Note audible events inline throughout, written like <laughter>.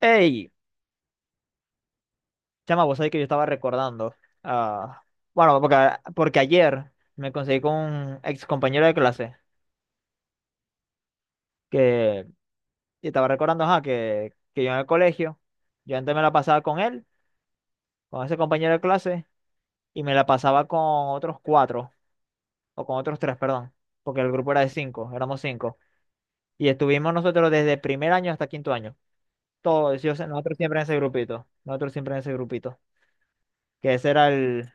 Ey, chama, vos sabés que yo estaba recordando. ah, bueno, porque ayer me conseguí con un ex compañero de clase que y estaba recordando, ajá, que yo en el colegio, yo antes me la pasaba con él, con ese compañero de clase, y me la pasaba con otros cuatro, o con otros tres, perdón, porque el grupo era de cinco, éramos cinco. Y estuvimos nosotros desde primer año hasta quinto año. Todos, nosotros siempre en ese grupito, nosotros siempre en ese grupito, que ese era el,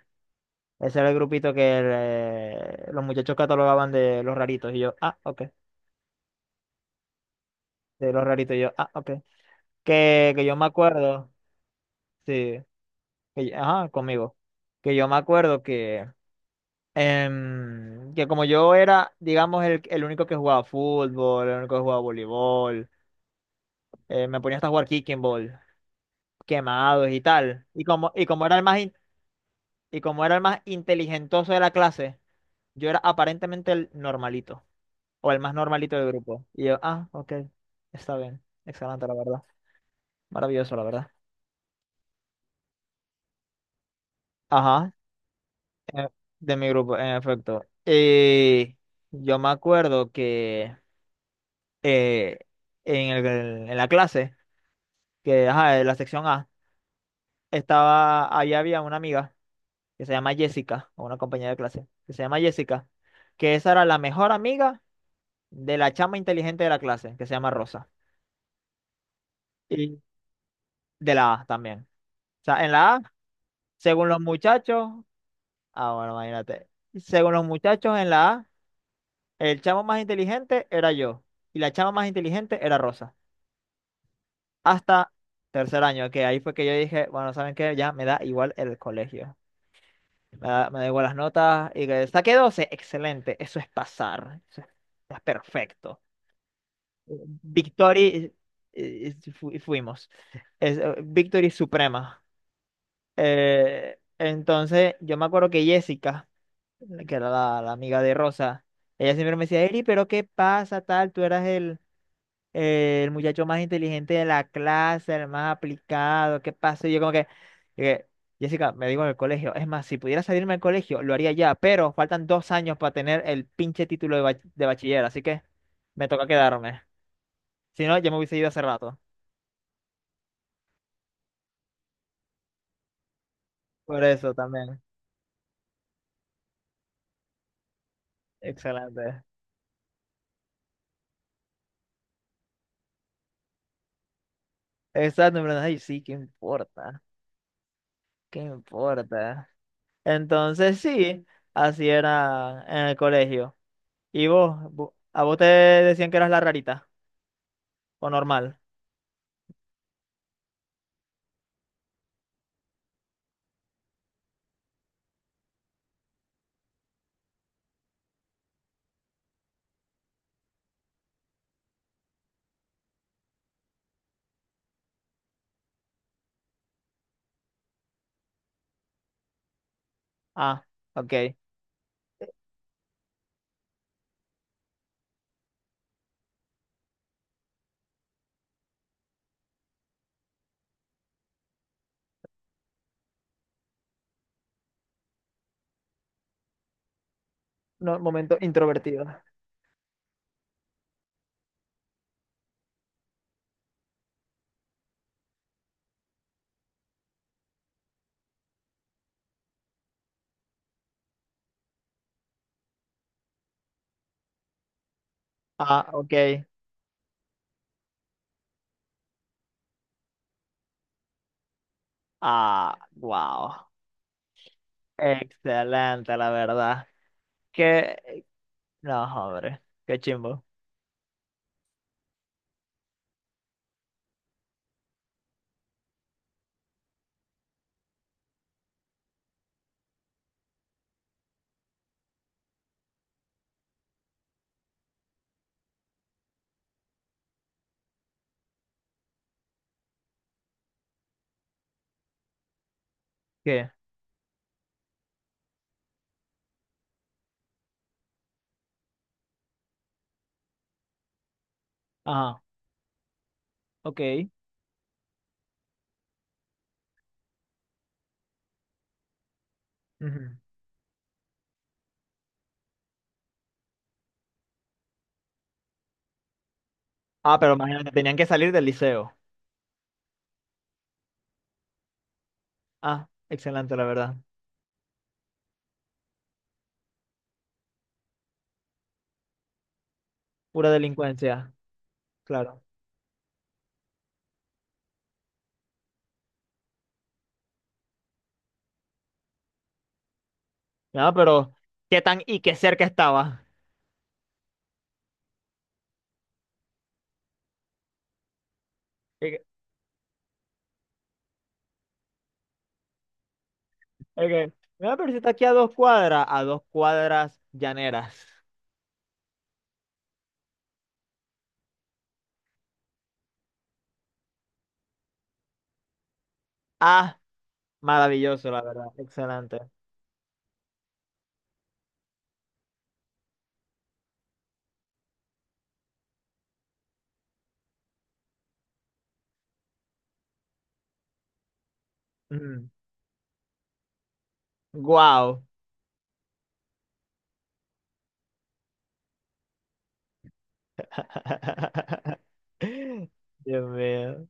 ese era el grupito que los muchachos catalogaban de los raritos. Y yo, ah, ok. De los raritos. Y yo, ah, ok. Que yo me acuerdo, sí. Ajá, conmigo. Que yo me acuerdo que, que como yo era, digamos, el único que jugaba fútbol, el único que jugaba voleibol, me ponía hasta a jugar kicking ball, quemados y tal. Y como era el más, y como era el más inteligentoso de la clase, yo era aparentemente el normalito. O el más normalito del grupo. Y yo, ah, ok, está bien. Excelente, la verdad. Maravilloso, la verdad. Ajá, eh, de mi grupo, en efecto. Y yo me acuerdo que eh, en el- en la clase, ajá, en la sección A, estaba, ahí había una amiga que se llama Jessica, o una compañera de clase, que se llama Jessica, que esa era la mejor amiga de la chama inteligente de la clase, que se llama Rosa. Y de la A también. O sea, en la A, según los muchachos, ah, bueno, imagínate. Según los muchachos en la A, el chamo más inteligente era yo y la chama más inteligente era Rosa. Hasta tercer año, que ahí fue que yo dije, bueno, ¿saben qué? Ya me da igual el colegio. Me da igual las notas y que saqué 12, excelente, eso es pasar, eso es perfecto. Victory, fuimos. Victory suprema. Entonces, yo me acuerdo que Jessica que era la amiga de Rosa. Ella siempre me decía, Eri, pero ¿qué pasa, tal? Tú eras el muchacho más inteligente de la clase, el más aplicado, ¿qué pasa? Y yo como que, Jessica, me digo en el colegio, es más, si pudiera salirme del colegio, lo haría ya, pero faltan dos años para tener el pinche título de, de bachiller, así que me toca quedarme. Si no, ya me hubiese ido hace rato. Por eso también. Excelente. Exacto, en verdad, ay, sí, ¿qué importa? ¿Qué importa? Entonces sí, así era en el colegio. ¿Y vos? A vos te decían que eras la rarita o normal? Ah, ok. No, momento introvertido. Ah, ok. Ah, wow. Excelente, la verdad. Que, no, hombre, qué chimbo. ¿Qué? Ajá, ok. Ujú. Ah, pero imagínate, tenían que salir del liceo. Ah, excelente, la verdad. Pura delincuencia, claro. No, pero qué tan y qué cerca estaba. Ok. Mira, pero si está aquí a dos cuadras llaneras. Ah, maravilloso, la verdad. Excelente. Wow. <laughs> Dios mío.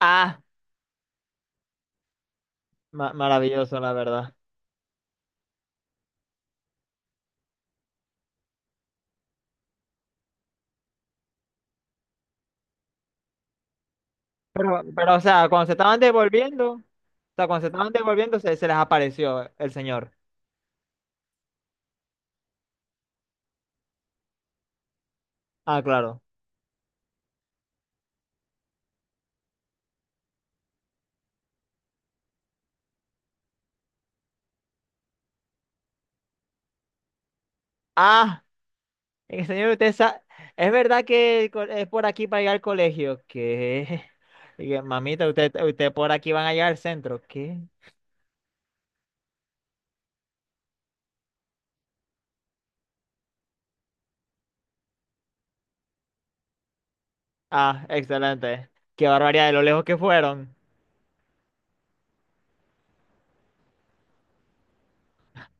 Ah, maravilloso, la verdad. Pero, o sea, cuando se estaban devolviendo, o sea, cuando se estaban devolviendo, se les apareció el señor. Ah, claro. ah Señor, es verdad que es por aquí para llegar al colegio. ¿Qué? <laughs> Dije, Mamita, usted por aquí van a llegar al centro. ¿Qué? Ah, excelente. Qué barbaridad de lo lejos que fueron.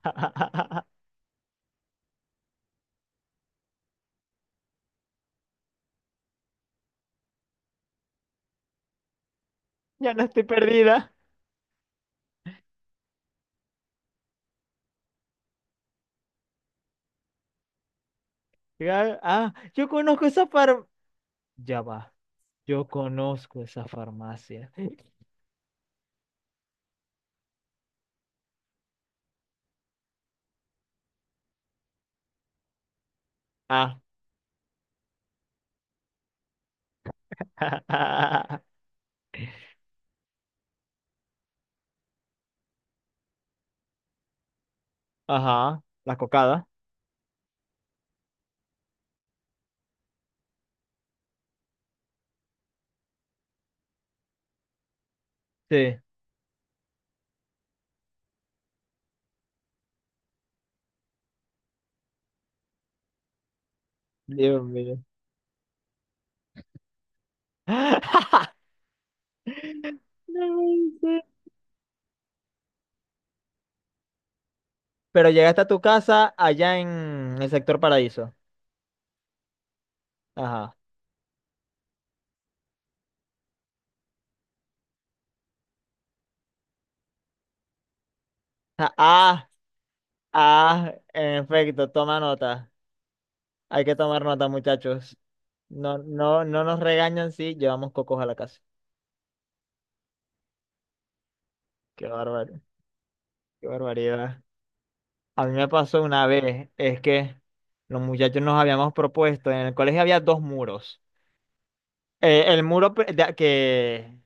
<laughs> Ya no estoy perdida. Ah, yo conozco esa far... Ya va. Yo conozco esa farmacia. Ah. <laughs> Ajá. La cocada. Sí. Dios mío. <laughs> No puede ser. Pero llegaste a tu casa allá en el sector Paraíso. Ajá. Ja, ah, ah, en efecto, toma nota. Hay que tomar nota, muchachos. No, no, no nos regañan si llevamos cocos a la casa. Qué bárbaro, qué barbaridad. A mí me pasó una vez, es que los muchachos nos habíamos propuesto, en el colegio había dos muros. El muro pri- de- que,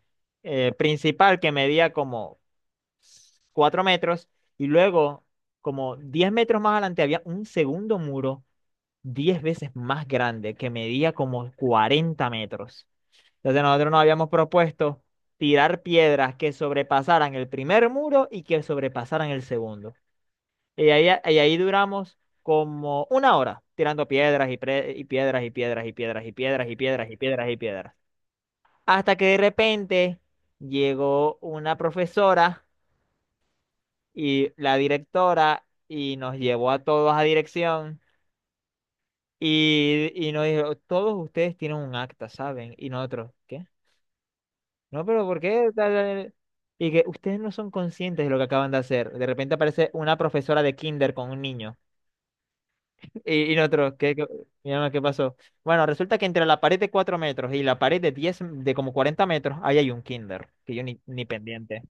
principal que medía como 4 metros, y luego, como 10 metros más adelante, había un segundo muro 10 veces más grande que medía como 40 metros. Entonces nosotros nos habíamos propuesto tirar piedras que sobrepasaran el primer muro y que sobrepasaran el segundo. Y ahí, y ahí duramos como una hora tirando piedras y piedras y piedras y piedras y piedras y piedras y piedras y piedras. Hasta que de repente llegó una profesora y la directora y nos llevó a todos a dirección y nos dijo, todos ustedes tienen un acta, ¿saben? Y nosotros, ¿qué? No, pero ¿por qué? Tal, tal?". Y que ustedes no son conscientes de lo que acaban de hacer. De repente aparece una profesora de kinder con un niño. Y nosotros, ¿qué, qué, mi alma, ¿qué pasó? Bueno, resulta que entre la pared de 4 metros y la pared de 10 de como 40 metros, ahí hay un kinder, que yo ni, ni pendiente.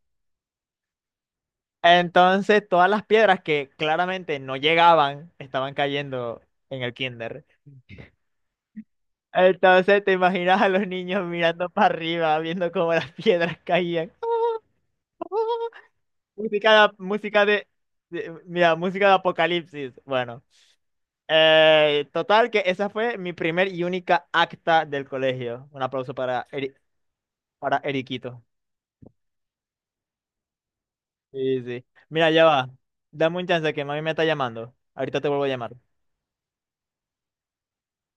Entonces, todas las piedras que claramente no llegaban estaban cayendo en el kinder. Entonces, te imaginas a los niños mirando para arriba, viendo cómo las piedras caían. <laughs> Música de, mira, música de apocalipsis. Bueno, total que esa fue mi primer y única acta del colegio. Un aplauso para para Eriquito. Sí, sí. Mira, ya va. Dame un chance que mami me está llamando. Ahorita te vuelvo a llamar.